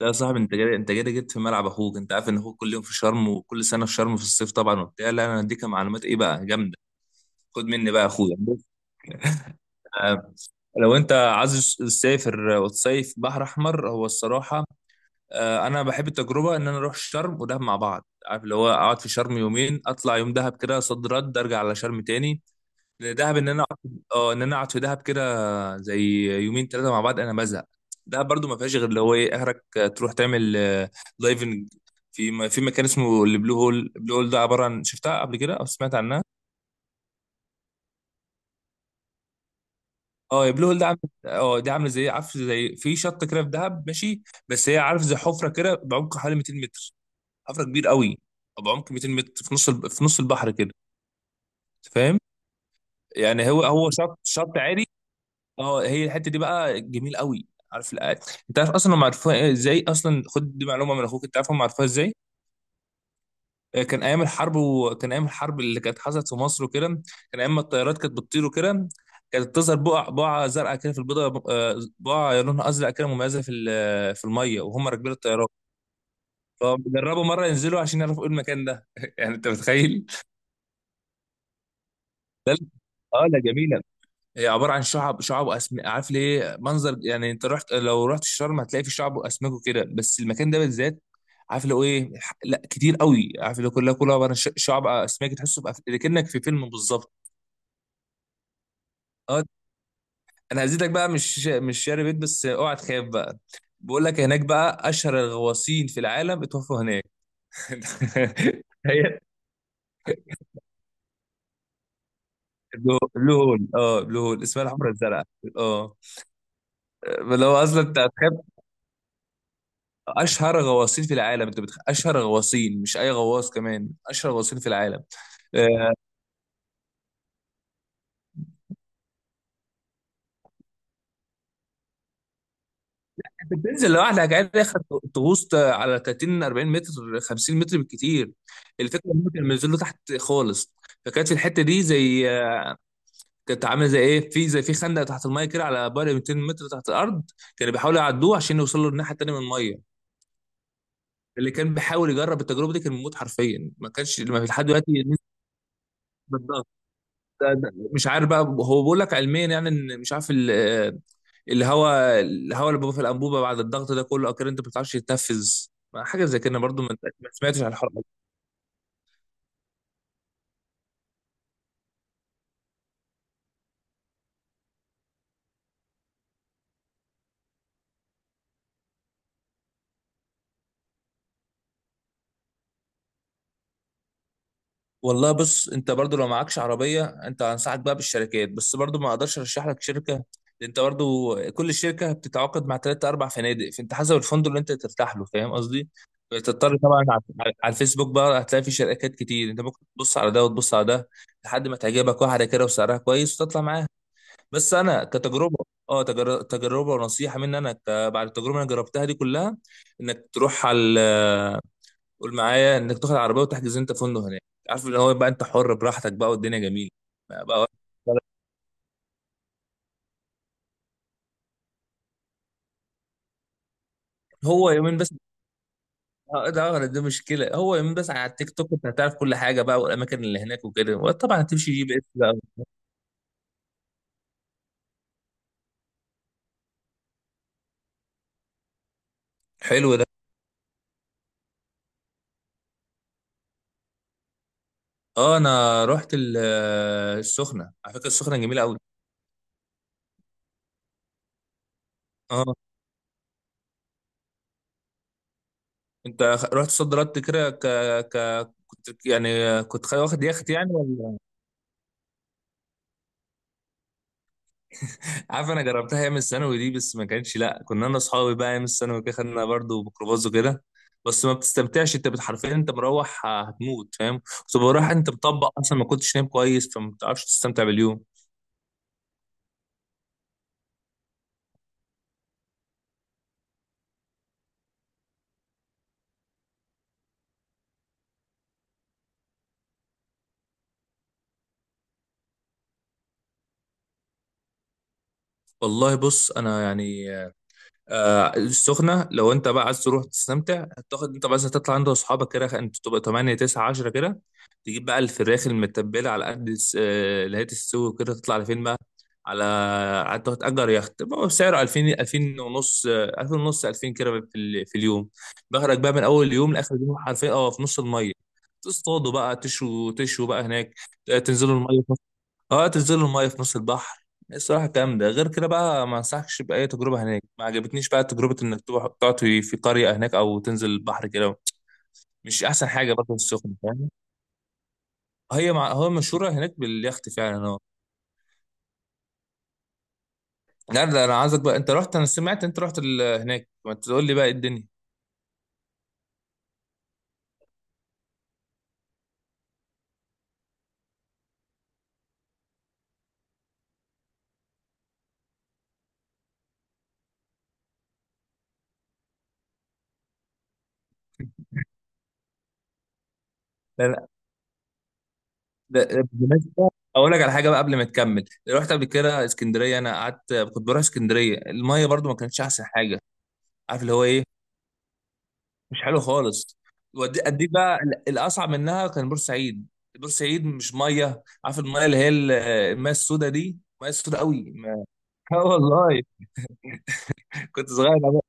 لا يا صاحبي، انت جاي انت جاي جيت في ملعب اخوك. انت عارف ان اخوك كل يوم في شرم وكل سنه في شرم في الصيف طبعا وبتاع. لا، انا هديك معلومات ايه بقى جامده. خد مني بقى يا اخويا، بص، آه، لو انت عايز تسافر وتصيف بحر احمر، هو الصراحه انا بحب التجربه ان انا اروح شرم ودهب مع بعض. عارف اللي هو اقعد في شرم يومين، اطلع يوم دهب كده صد رد، ارجع على شرم تاني. لان دهب، ان انا اقعد في دهب كده زي يومين ثلاثه مع بعض انا بزهق. ده برضو ما فيهاش غير اللي هو ايه، اخرك تروح تعمل دايفنج في مكان اسمه البلو هول ده عباره عن، شفتها قبل كده او سمعت عنها؟ اه، البلو هول ده عامل اه دي عامله زي، عارف، زي في شط كده في دهب، ماشي. بس هي، عارف، زي حفره كده بعمق حوالي 200 متر. حفره كبير قوي، بعمق 200 متر في نص البحر كده. أنت فاهم يعني؟ هو شط شط عادي. اه، هي الحته دي بقى جميل قوي، عارف الآية. انت عارف اصلا هم عرفوها ازاي؟ اصلا خد دي معلومه من اخوك. انت عارف هم عرفوها ازاي؟ كان ايام الحرب، وكان ايام الحرب اللي كانت حصلت في مصر وكده. كان ايام ما الطيارات كانت بتطير وكده. كانت تظهر بقعه زرقاء كده في البيضه، بقعه لونها ازرق كده مميزه في الميه، وهم راكبين الطيارات. فجربوا مره ينزلوا عشان يعرفوا ايه المكان ده. يعني انت متخيل. اه لا، جميله. هي عباره عن شعب، شعب واسم، عارف ليه منظر يعني. انت رحت، لو رحت الشرم هتلاقي في شعب واسماك وكده، بس المكان ده بالذات، عارف لو ايه لا كتير قوي، عارف، لو كلها كلها عباره عن شعب اسماك، تحسه كأنك في فيلم بالظبط. اه، انا هزيدك بقى، مش شاري بيت بس اوعى تخاف بقى. بقول لك هناك بقى اشهر الغواصين في العالم اتوفوا هناك. هي بلو هول، اه بلو هول، اسمها الحمرا الزرقاء. اه لو اصلا انت هتخاف، اشهر غواصين في العالم. اشهر غواصين، مش اي غواص، كمان اشهر غواصين في العالم. آه، انت بتنزل لوحدك عادي يا أخي، تغوص على 30 40 متر، 50 متر بالكتير. الفكره ان هم كانوا بينزلوا تحت خالص، فكانت في الحته دي زي آه، كانت عامله زي ايه، في زي في خندق تحت الميه كده، على بعد 200 متر تحت الارض. كانوا بيحاولوا يعدوه عشان يوصلوا للناحيه التانيه من الميه. اللي كان بيحاول يجرب التجربه دي كان بيموت حرفيا، ما كانش، ما في لحد دلوقتي الناس. بالظبط. مش عارف بقى، هو بيقول لك علميا يعني ان، مش عارف، الهواء اللي بيبقى في الانبوبه بعد الضغط ده كله، اكيد انت ما بتعرفش تتنفذ. حاجه زي كده برضو ما سمعتش عن الحوار ده. والله بص، انت برضو لو معكش عربيه، انت انصحك بقى بالشركات، بس برضو ما اقدرش ارشح لك شركه، لأن انت برضو كل شركه بتتعاقد مع ثلاثة اربع فنادق، فانت حسب الفندق اللي انت ترتاح له. فاهم قصدي. بتضطر طبعا على الفيسبوك بقى، هتلاقي في شركات كتير، انت ممكن تبص على ده وتبص على ده، لحد ما تعجبك واحده كده وسعرها كويس وتطلع معاها. بس انا كتجربه، تجربه ونصيحه مني انا، بعد التجربه اللي انا جربتها دي كلها، انك تروح على، قول معايا، انك تاخد عربيه وتحجز انت فندق هناك. عارف اللي هو بقى انت حر براحتك بقى والدنيا جميله بقى. هو يومين بس. ده دي مشكله، هو يومين بس. على التيك توك انت هتعرف كل حاجه بقى والاماكن اللي هناك وكده، وطبعا هتمشي جي بي اس بقى. حلو ده. اه انا رحت السخنه. على فكره السخنه جميله قوي. اه، انت رحت صد رد كده، كنت يعني، واخد يخت يعني ولا؟ عارف، انا جربتها ايام الثانوي دي، بس ما كانش، لا، كنا انا اصحابي بقى ايام الثانوي كده، خدنا برضه ميكروباص وكده. بس ما بتستمتعش انت حرفيا، انت مروح هتموت، فاهم؟ كنت بروح انت مطبق اصلا، ما كنتش نايم كويس، فما بتعرفش تستمتع باليوم. والله بص انا يعني، السخنة لو انت بقى عايز تروح تستمتع، تاخد انت بس تطلع عند اصحابك كده، انت تبقى 8 9 10 كده، تجيب بقى الفراخ المتبلة على قد اللي هي تستوي كده، تطلع لفين بقى على قعدت تأجر يخت بقى بسعر 2000، 2000 ونص، 2000 ونص، 2000 كده في اليوم. بخرج بقى من اول يوم لاخر يوم حرفيا، اه في نص المية، تصطادوا بقى، تشوا تشوا بقى هناك، تنزلوا المية. اه تنزل المايه في نص البحر. الصراحه الكلام ده غير كده بقى ما انصحكش باي تجربه هناك، ما عجبتنيش بقى تجربه انك تروح تقعد في قريه هناك او تنزل البحر كده. مش احسن حاجه، برضه السخن، فاهم. هو مشهوره هناك باليخت فعلا، اه. لا لا، انا عايزك بقى، انت رحت، انا سمعت انت رحت هناك، ما تقول لي بقى إيه الدنيا. لا لا، ده بالمناسبة، اقول لك على حاجه بقى قبل ما تكمل. رحت قبل كده اسكندريه، انا قعدت، كنت بروح اسكندريه، المايه برضو ما كانتش احسن حاجه. عارف اللي هو ايه، مش حلو خالص. ودي اديك بقى الاصعب منها كان بورسعيد. بورسعيد مش ميه، عارف الميه اللي هي الميه السوداء دي، ميه السوداء قوي اه والله. كنت صغير انا،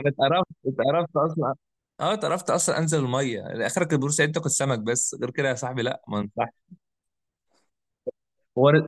أنا اتقرفت اتقرفت اصلا. اه اتقرفت اصلا انزل الميه، يعني اخرك بورسعيد تاكل سمك بس، غير كده يا صاحبي لا، ما ينفعش. ورد.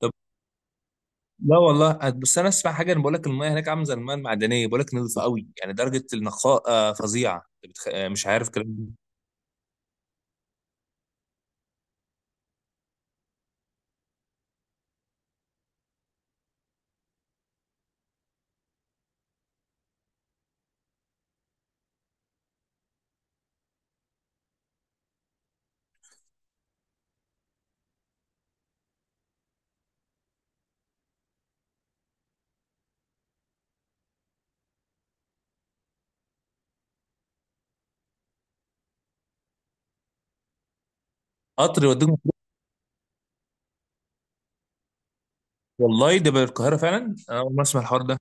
طب لا والله، بس انا اسمع حاجه، انا بقول لك الميه هناك عامله زي الميه المعدنيه، بقول لك نظيفه قوي، يعني درجه النقاء فظيعه. أنت بتخ- آه، مش عارف كلام. قطر يوديك مطروح. والله ده بالقاهره فعلا، انا اول مره اسمع الحوار ده.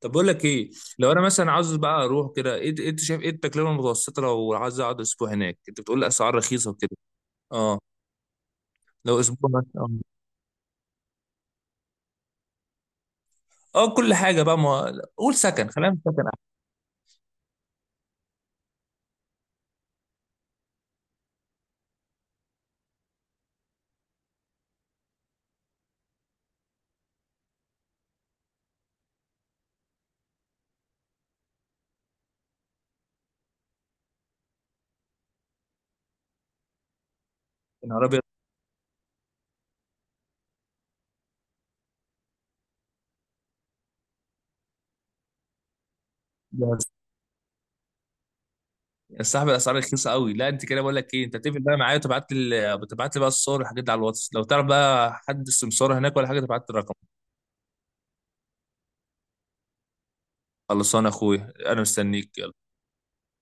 طب بقول لك ايه، لو انا مثلا عاوز بقى اروح كده، ايه إيه انت شايف ايه التكلفه المتوسطه لو عايز اقعد اسبوع هناك؟ انت بتقول لي اسعار رخيصه وكده. اه لو اسبوع مثلا، اه كل حاجه بقى، ما قول سكن، خلينا في سكن احسن. يا نهار ابيض، يا صاحبي الاسعار رخيصه قوي. لا انت كده بقول لك ايه، انت تقفل بقى معايا وتبعت لي، تبعت لي بقى الصور والحاجات دي على الواتس، لو تعرف بقى حد سمسار هناك ولا حاجه تبعت لي الرقم. خلصان يا اخويا، انا مستنيك.